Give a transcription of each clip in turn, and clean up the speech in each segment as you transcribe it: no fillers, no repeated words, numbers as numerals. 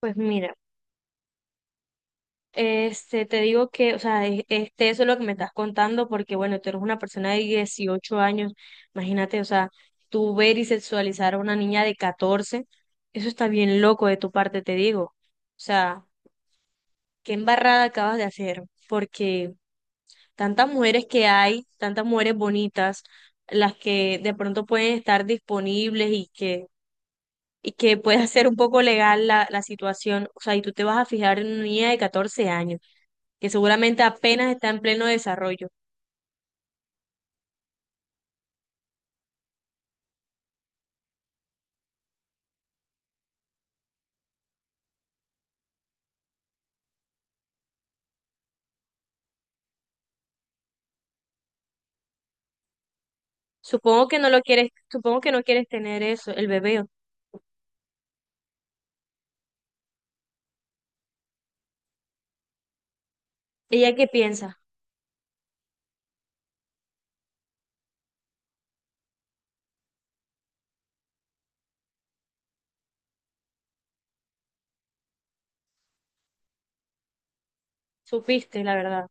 Pues mira, te digo que, o sea, este, eso es lo que me estás contando, porque bueno, tú eres una persona de 18 años, imagínate, o sea, tú ver y sexualizar a una niña de 14, eso está bien loco de tu parte, te digo. O sea, qué embarrada acabas de hacer, porque tantas mujeres que hay, tantas mujeres bonitas, las que de pronto pueden estar disponibles y que pueda ser un poco legal la situación, o sea, y tú te vas a fijar en una niña de 14 años, que seguramente apenas está en pleno desarrollo. Supongo que no lo quieres, supongo que no quieres tener eso, el bebé. ¿Ella qué piensa? Supiste, la verdad.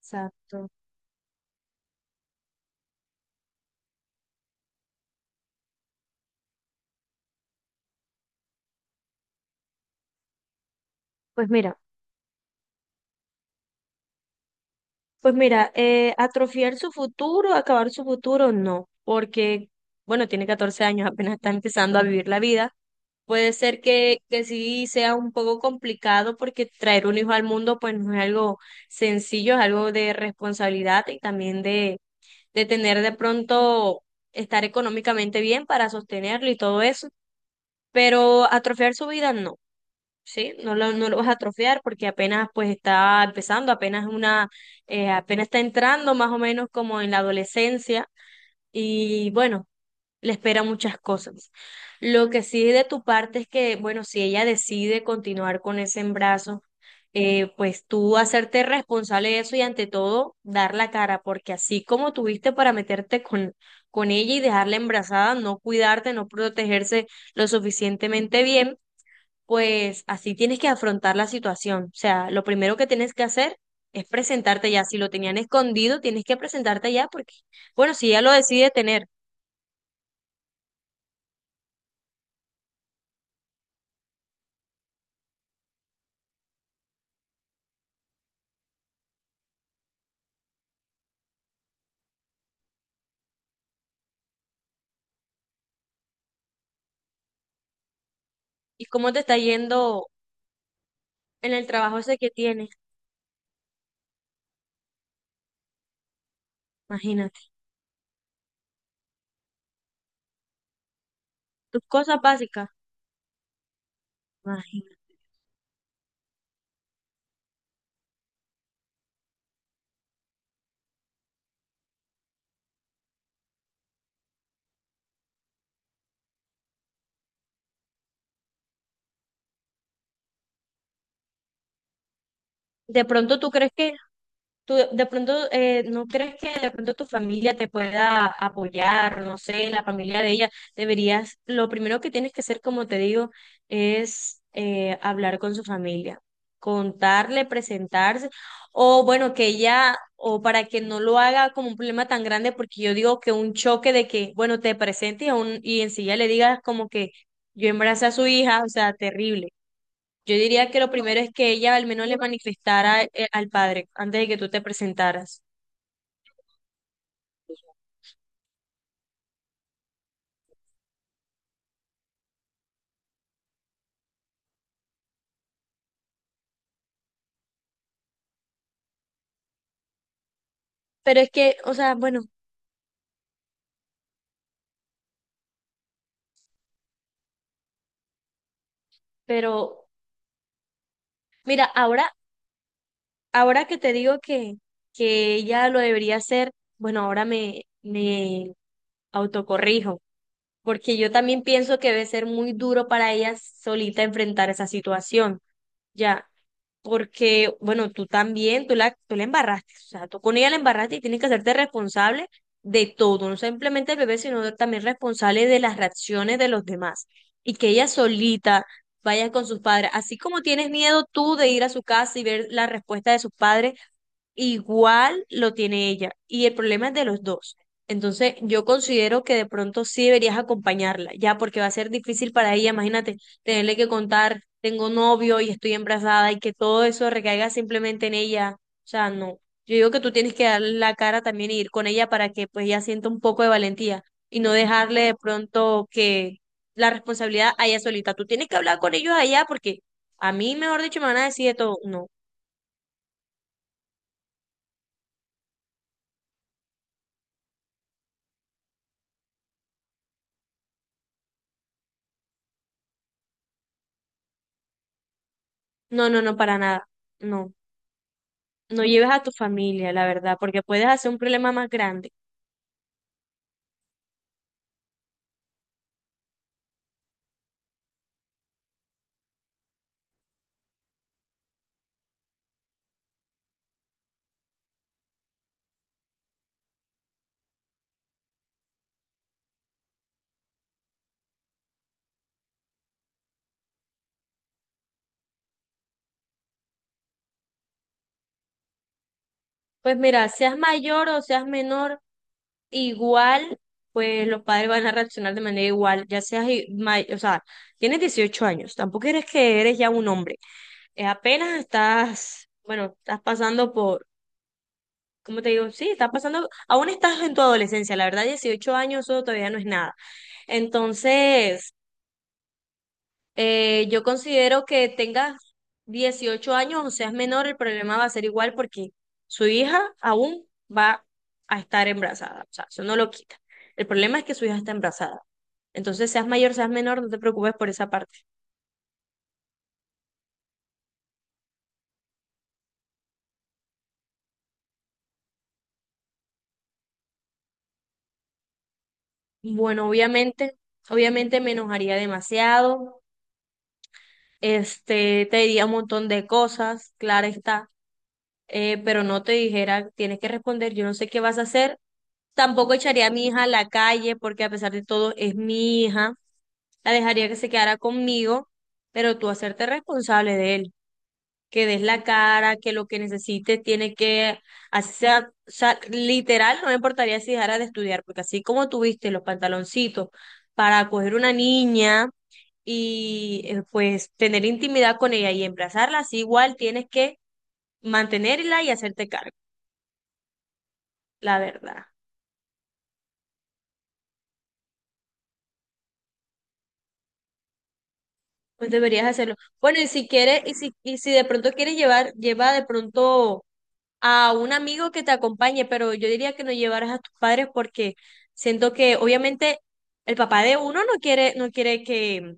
Exacto. Pues mira, pues mira, atrofiar su futuro, acabar su futuro, no, porque, bueno, tiene 14 años, apenas está empezando a vivir la vida. Puede ser que sí sea un poco complicado porque traer un hijo al mundo pues no es algo sencillo, es algo de responsabilidad y también de tener de pronto estar económicamente bien para sostenerlo y todo eso, pero atrofiar su vida no, ¿sí? No lo vas a atrofiar porque apenas pues está empezando, apenas una, apenas está entrando más o menos como en la adolescencia y bueno, le espera muchas cosas. Lo que sí de tu parte es que, bueno, si ella decide continuar con ese embarazo, pues tú hacerte responsable de eso y ante todo dar la cara, porque así como tuviste para meterte con ella y dejarla embarazada, no cuidarte, no protegerse lo suficientemente bien, pues así tienes que afrontar la situación. O sea, lo primero que tienes que hacer es presentarte ya. Si lo tenían escondido, tienes que presentarte ya porque, bueno, si ella lo decide tener. ¿Y cómo te está yendo en el trabajo ese que tienes? Imagínate. Tus cosas básicas. Imagínate. De pronto tú crees que. ¿Tú de pronto, no crees que de pronto tu familia te pueda apoyar? No sé, la familia de ella deberías, lo primero que tienes que hacer, como te digo, es hablar con su familia, contarle, presentarse, o bueno, que ella, o para que no lo haga como un problema tan grande, porque yo digo que un choque de que, bueno, te presentes y, y enseguida le digas como que yo embaracé a su hija, o sea, terrible. Yo diría que lo primero es que ella al menos le manifestara al padre antes de que tú te presentaras. Pero es que, o sea, bueno, pero mira, ahora, ahora que te digo que ella lo debería hacer, bueno, ahora me autocorrijo, porque yo también pienso que debe ser muy duro para ella solita enfrentar esa situación. Ya, porque, bueno, tú también, tú la embarraste, o sea, tú con ella la embarraste y tienes que hacerte responsable de todo, no simplemente el bebé, sino también responsable de las reacciones de los demás. Y que ella solita vaya con sus padres, así como tienes miedo tú de ir a su casa y ver la respuesta de sus padres, igual lo tiene ella y el problema es de los dos. Entonces, yo considero que de pronto sí deberías acompañarla, ya porque va a ser difícil para ella, imagínate, tenerle que contar, tengo novio y estoy embarazada y que todo eso recaiga simplemente en ella. O sea, no. Yo digo que tú tienes que darle la cara también y ir con ella para que pues ella sienta un poco de valentía y no dejarle de pronto que la responsabilidad a ella solita. Tú tienes que hablar con ellos allá porque a mí, mejor dicho, me van a decir de todo. No, no, no, no, para nada. No. No lleves a tu familia, la verdad, porque puedes hacer un problema más grande. Pues mira, seas mayor o seas menor, igual, pues los padres van a reaccionar de manera igual, ya seas, o sea, tienes 18 años, tampoco eres que eres ya un hombre. Apenas estás, bueno, estás pasando por, ¿cómo te digo? Sí, estás pasando, aún estás en tu adolescencia, la verdad, 18 años eso todavía no es nada. Entonces, eh, yo considero que tengas 18 años o seas menor, el problema va a ser igual porque su hija aún va a estar embarazada. O sea, eso no lo quita. El problema es que su hija está embarazada. Entonces, seas mayor, seas menor, no te preocupes por esa parte. Bueno, obviamente, obviamente me enojaría demasiado. Este, te diría un montón de cosas, claro está, pero no te dijera, tienes que responder, yo no sé qué vas a hacer. Tampoco echaría a mi hija a la calle porque a pesar de todo es mi hija. La dejaría que se quedara conmigo, pero tú hacerte responsable de él, que des la cara, que lo que necesite tiene que hacer, o sea, literal, no me importaría si dejara de estudiar, porque así como tuviste los pantaloncitos para coger una niña y pues tener intimidad con ella y emplazarla, así igual tienes que mantenerla y hacerte cargo, la verdad. Pues deberías hacerlo. Bueno, y si quieres, y si de pronto quieres llevar, lleva de pronto a un amigo que te acompañe, pero yo diría que no llevaras a tus padres porque siento que obviamente el papá de uno no quiere, no quiere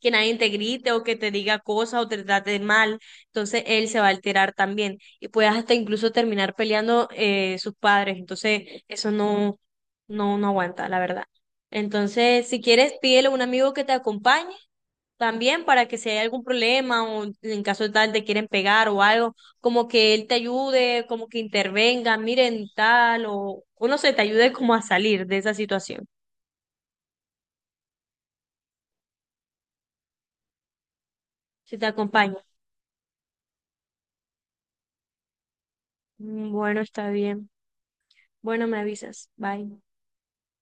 que nadie te grite o que te diga cosas o te trate mal, entonces él se va a alterar también y puedes hasta incluso terminar peleando sus padres, entonces eso no, no, no aguanta, la verdad. Entonces, si quieres, pídele a un amigo que te acompañe también para que si hay algún problema o en caso de tal te quieren pegar o algo, como que él te ayude, como que intervenga, miren tal o uno se te ayude como a salir de esa situación, si te acompaña. Mm, bueno, está bien. Bueno, me avisas. Bye.